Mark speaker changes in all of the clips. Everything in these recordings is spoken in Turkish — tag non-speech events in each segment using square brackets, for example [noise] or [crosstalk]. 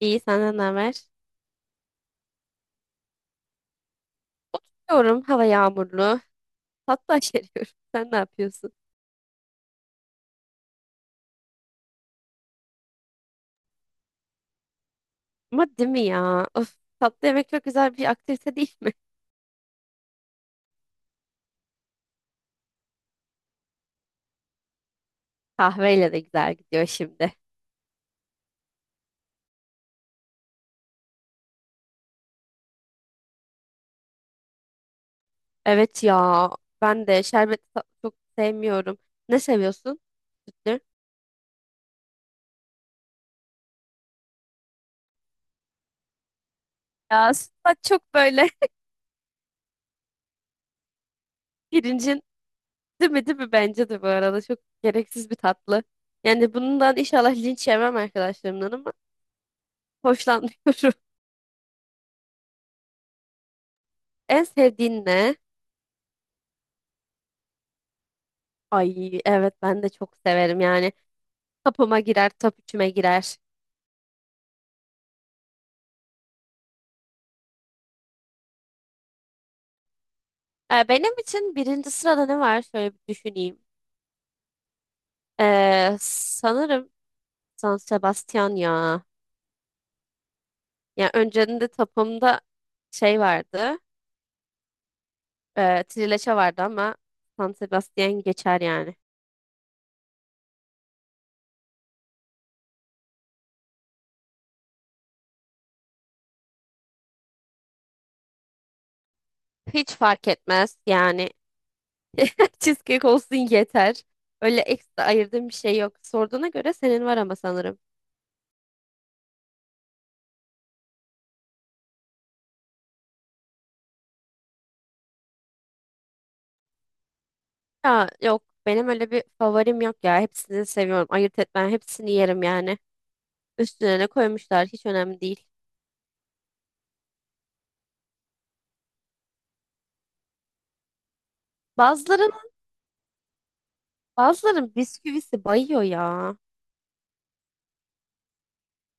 Speaker 1: İyi, senden ne haber? Oturuyorum, hava yağmurlu. Tatlı aşeriyorum. [laughs] Sen ne yapıyorsun? Ama değil mi ya? Of, tatlı yemek çok güzel bir aktivite değil mi? [laughs] Kahveyle de güzel gidiyor şimdi. Evet ya, ben de şerbetli tatlı çok sevmiyorum. Ne seviyorsun? Sütlü. Ya sütlaç çok böyle [laughs] pirincin, değil mi, bence de bu arada çok gereksiz bir tatlı. Yani bundan inşallah linç yemem arkadaşlarımdan ama hoşlanmıyorum. [laughs] En sevdiğin ne? Ay evet ben de çok severim yani. Tapıma girer, top üçüme girer. Benim için birinci sırada ne var? Şöyle bir düşüneyim. Sanırım San Sebastian ya. Yani önceden tapımda şey vardı. E, trileçe vardı ama San Sebastian geçer yani. Hiç fark etmez yani. [laughs] Cheesecake olsun yeter. Öyle ekstra ayırdığım bir şey yok. Sorduğuna göre senin var ama sanırım. Ya yok benim öyle bir favorim yok ya. Hepsini seviyorum. Ayırt etmem. Hepsini yerim yani. Üstüne ne koymuşlar hiç önemli değil. Bazıların bazıların bisküvisi bayıyor ya.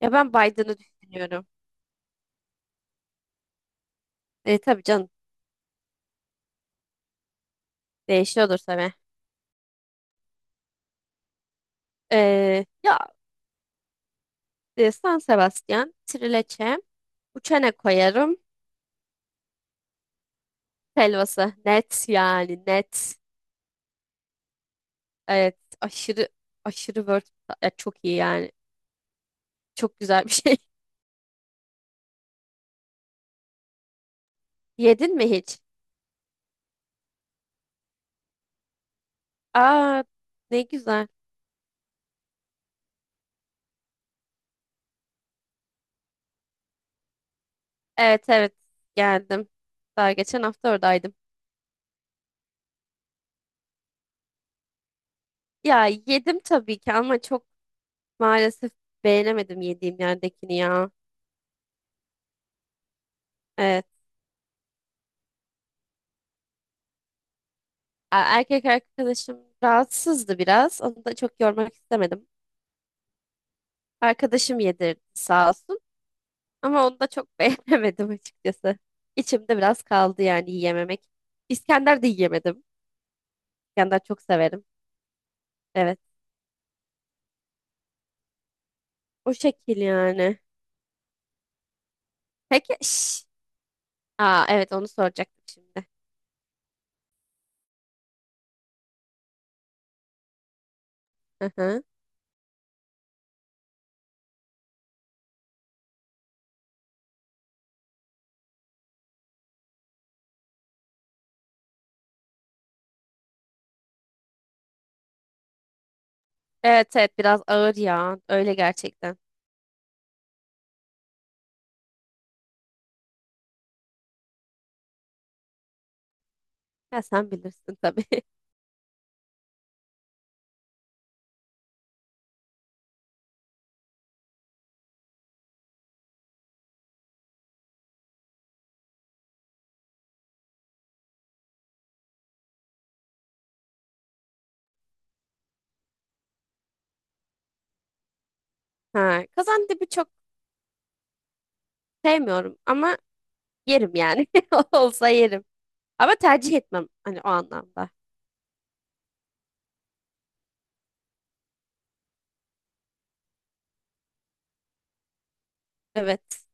Speaker 1: Ya ben baydığını düşünüyorum. E tabii canım, değişiyordur tabii. Ee, ya San Sebastian, trileçe, uçene koyarım. Helvası net yani net. Evet, aşırı aşırı word ya, çok iyi yani. Çok güzel bir şey. [laughs] Yedin mi hiç? Aa, ne güzel. Evet evet, geldim. Daha geçen hafta oradaydım. Ya yedim tabii ki ama çok, maalesef beğenemedim yediğim yerdekini ya. Evet. Erkek arkadaşım rahatsızdı biraz. Onu da çok yormak istemedim. Arkadaşım yedirdi sağ olsun. Ama onu da çok [laughs] beğenemedim açıkçası. İçimde biraz kaldı yani yiyememek. İskender de yiyemedim. İskender çok severim. Evet. O şekil yani. Peki. Şş. Aa, evet onu soracaktım şimdi. Hı hı. Evet evet, biraz ağır ya. Öyle gerçekten. Ya sen bilirsin tabii. [laughs] Ha, kazandibi çok sevmiyorum ama yerim yani. [laughs] Olsa yerim. Ama tercih etmem hani o anlamda. Evet.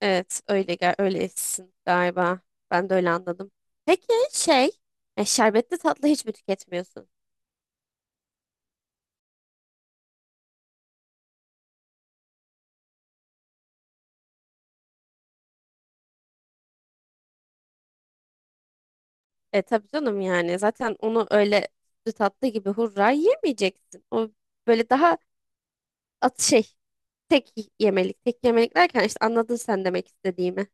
Speaker 1: Evet, öyle gel öylesin galiba. Ben de öyle anladım. Peki şey, şerbetli tatlı hiç mi tüketmiyorsun? E tabii canım yani. Zaten onu öyle sütlü tatlı gibi hurra yemeyeceksin. O böyle daha at şey, tek yemelik. Tek yemelik derken işte anladın sen demek istediğimi.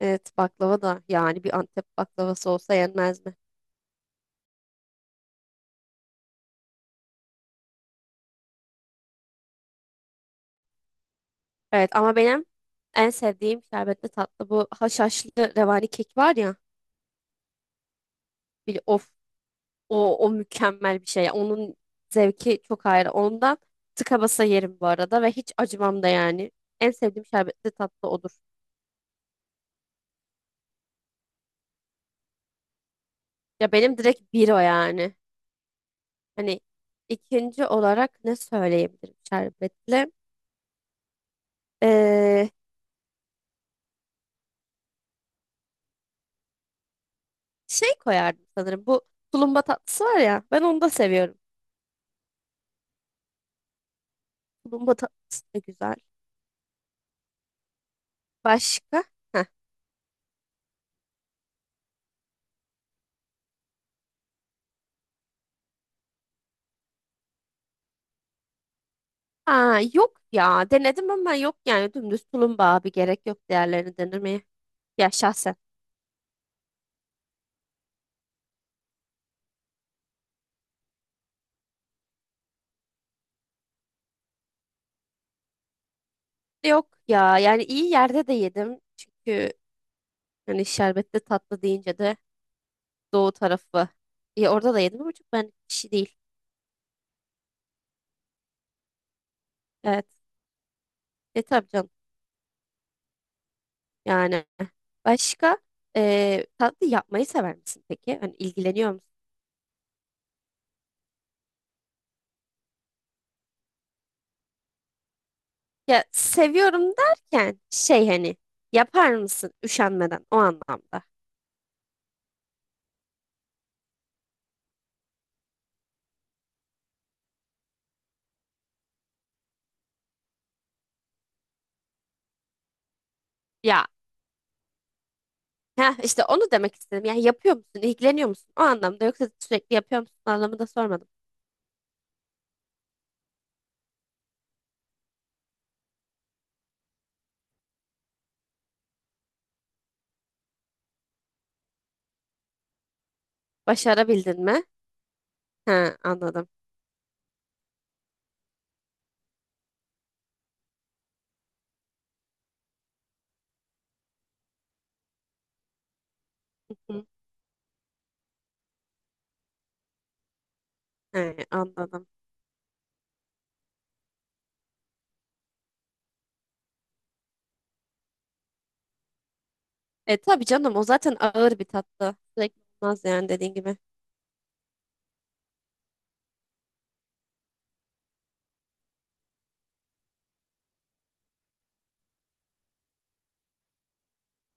Speaker 1: Evet, baklava da yani bir Antep baklavası olsa yenmez mi? Evet ama benim en sevdiğim şerbetli tatlı bu haşhaşlı revani kek var ya. Bir of, o, o mükemmel bir şey. Onun zevki çok ayrı. Ondan tıka basa yerim bu arada ve hiç acımam da yani. En sevdiğim şerbetli tatlı odur. Ya benim direkt bir o yani. Hani ikinci olarak ne söyleyebilirim şerbetli? Ee, Şey koyardım sanırım. Bu tulumba tatlısı var ya. Ben onu da seviyorum. Tulumba tatlısı da güzel. Başka? Heh. Ha, yok ya denedim ama yok yani dümdüz tulumba abi, gerek yok değerlerini denemeye. Ya şahsen. Yok ya, yani iyi yerde de yedim. Çünkü hani şerbetli tatlı deyince de doğu tarafı. Ya orada da yedim ama çok ben kişi değil. Evet. E tabii canım. Yani başka, tatlı yapmayı sever misin peki? Hani ilgileniyor musun? Ya seviyorum derken şey hani, yapar mısın üşenmeden, o anlamda. Ya, ha işte onu demek istedim. Yani yapıyor musun? İlgileniyor musun? O anlamda, yoksa sürekli yapıyor musun anlamında sormadım. Başarabildin mi? Ha anladım. Hı. He, anladım. E tabii canım, o zaten ağır bir tatlı. Sürekli olmaz yani dediğin gibi.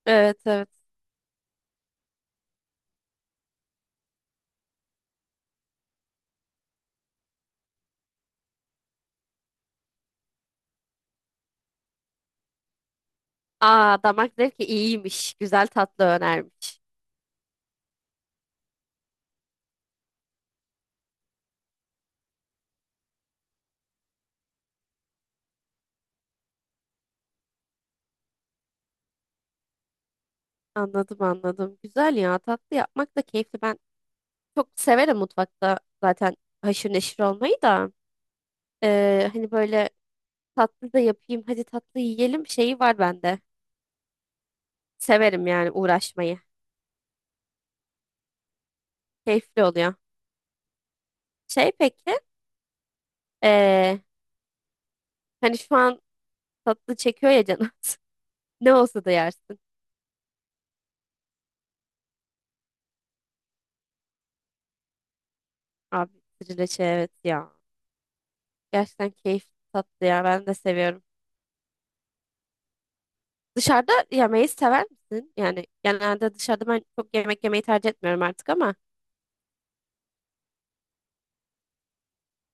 Speaker 1: Evet evet. Aa, damak zevki iyiymiş. Güzel tatlı önermiş. Anladım anladım. Güzel ya, tatlı yapmak da keyifli. Ben çok severim mutfakta zaten haşır neşir olmayı da. Hani böyle tatlı da yapayım, hadi tatlı yiyelim şeyi var bende. Severim yani uğraşmayı. Keyifli oluyor. Şey peki, eee, hani şu an tatlı çekiyor ya canım. [laughs] Ne olsa da yersin. Abi, trileçe evet ya. Gerçekten keyifli tatlı ya. Ben de seviyorum. Dışarıda yemeği sever misin? Yani genelde dışarıda ben çok yemek yemeyi tercih etmiyorum artık ama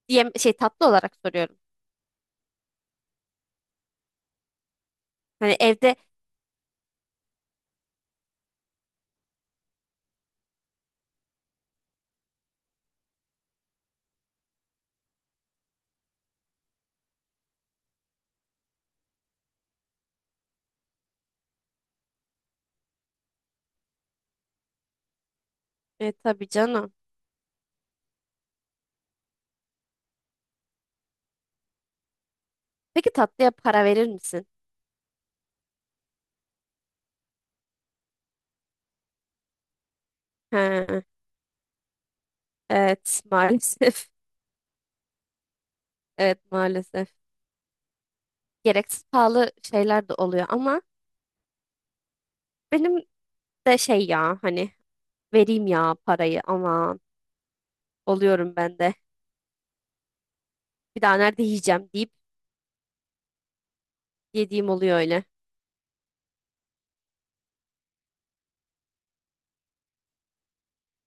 Speaker 1: yem şey, tatlı olarak soruyorum. Hani evde, e, tabii canım. Peki tatlıya para verir misin? Ha, evet maalesef. [laughs] Evet maalesef. Gereksiz pahalı şeyler de oluyor ama benim de şey ya, hani vereyim ya parayı aman oluyorum ben de. Bir daha nerede yiyeceğim deyip yediğim oluyor öyle.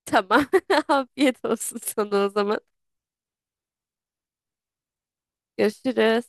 Speaker 1: Tamam. [laughs] Afiyet olsun sana o zaman. Görüşürüz.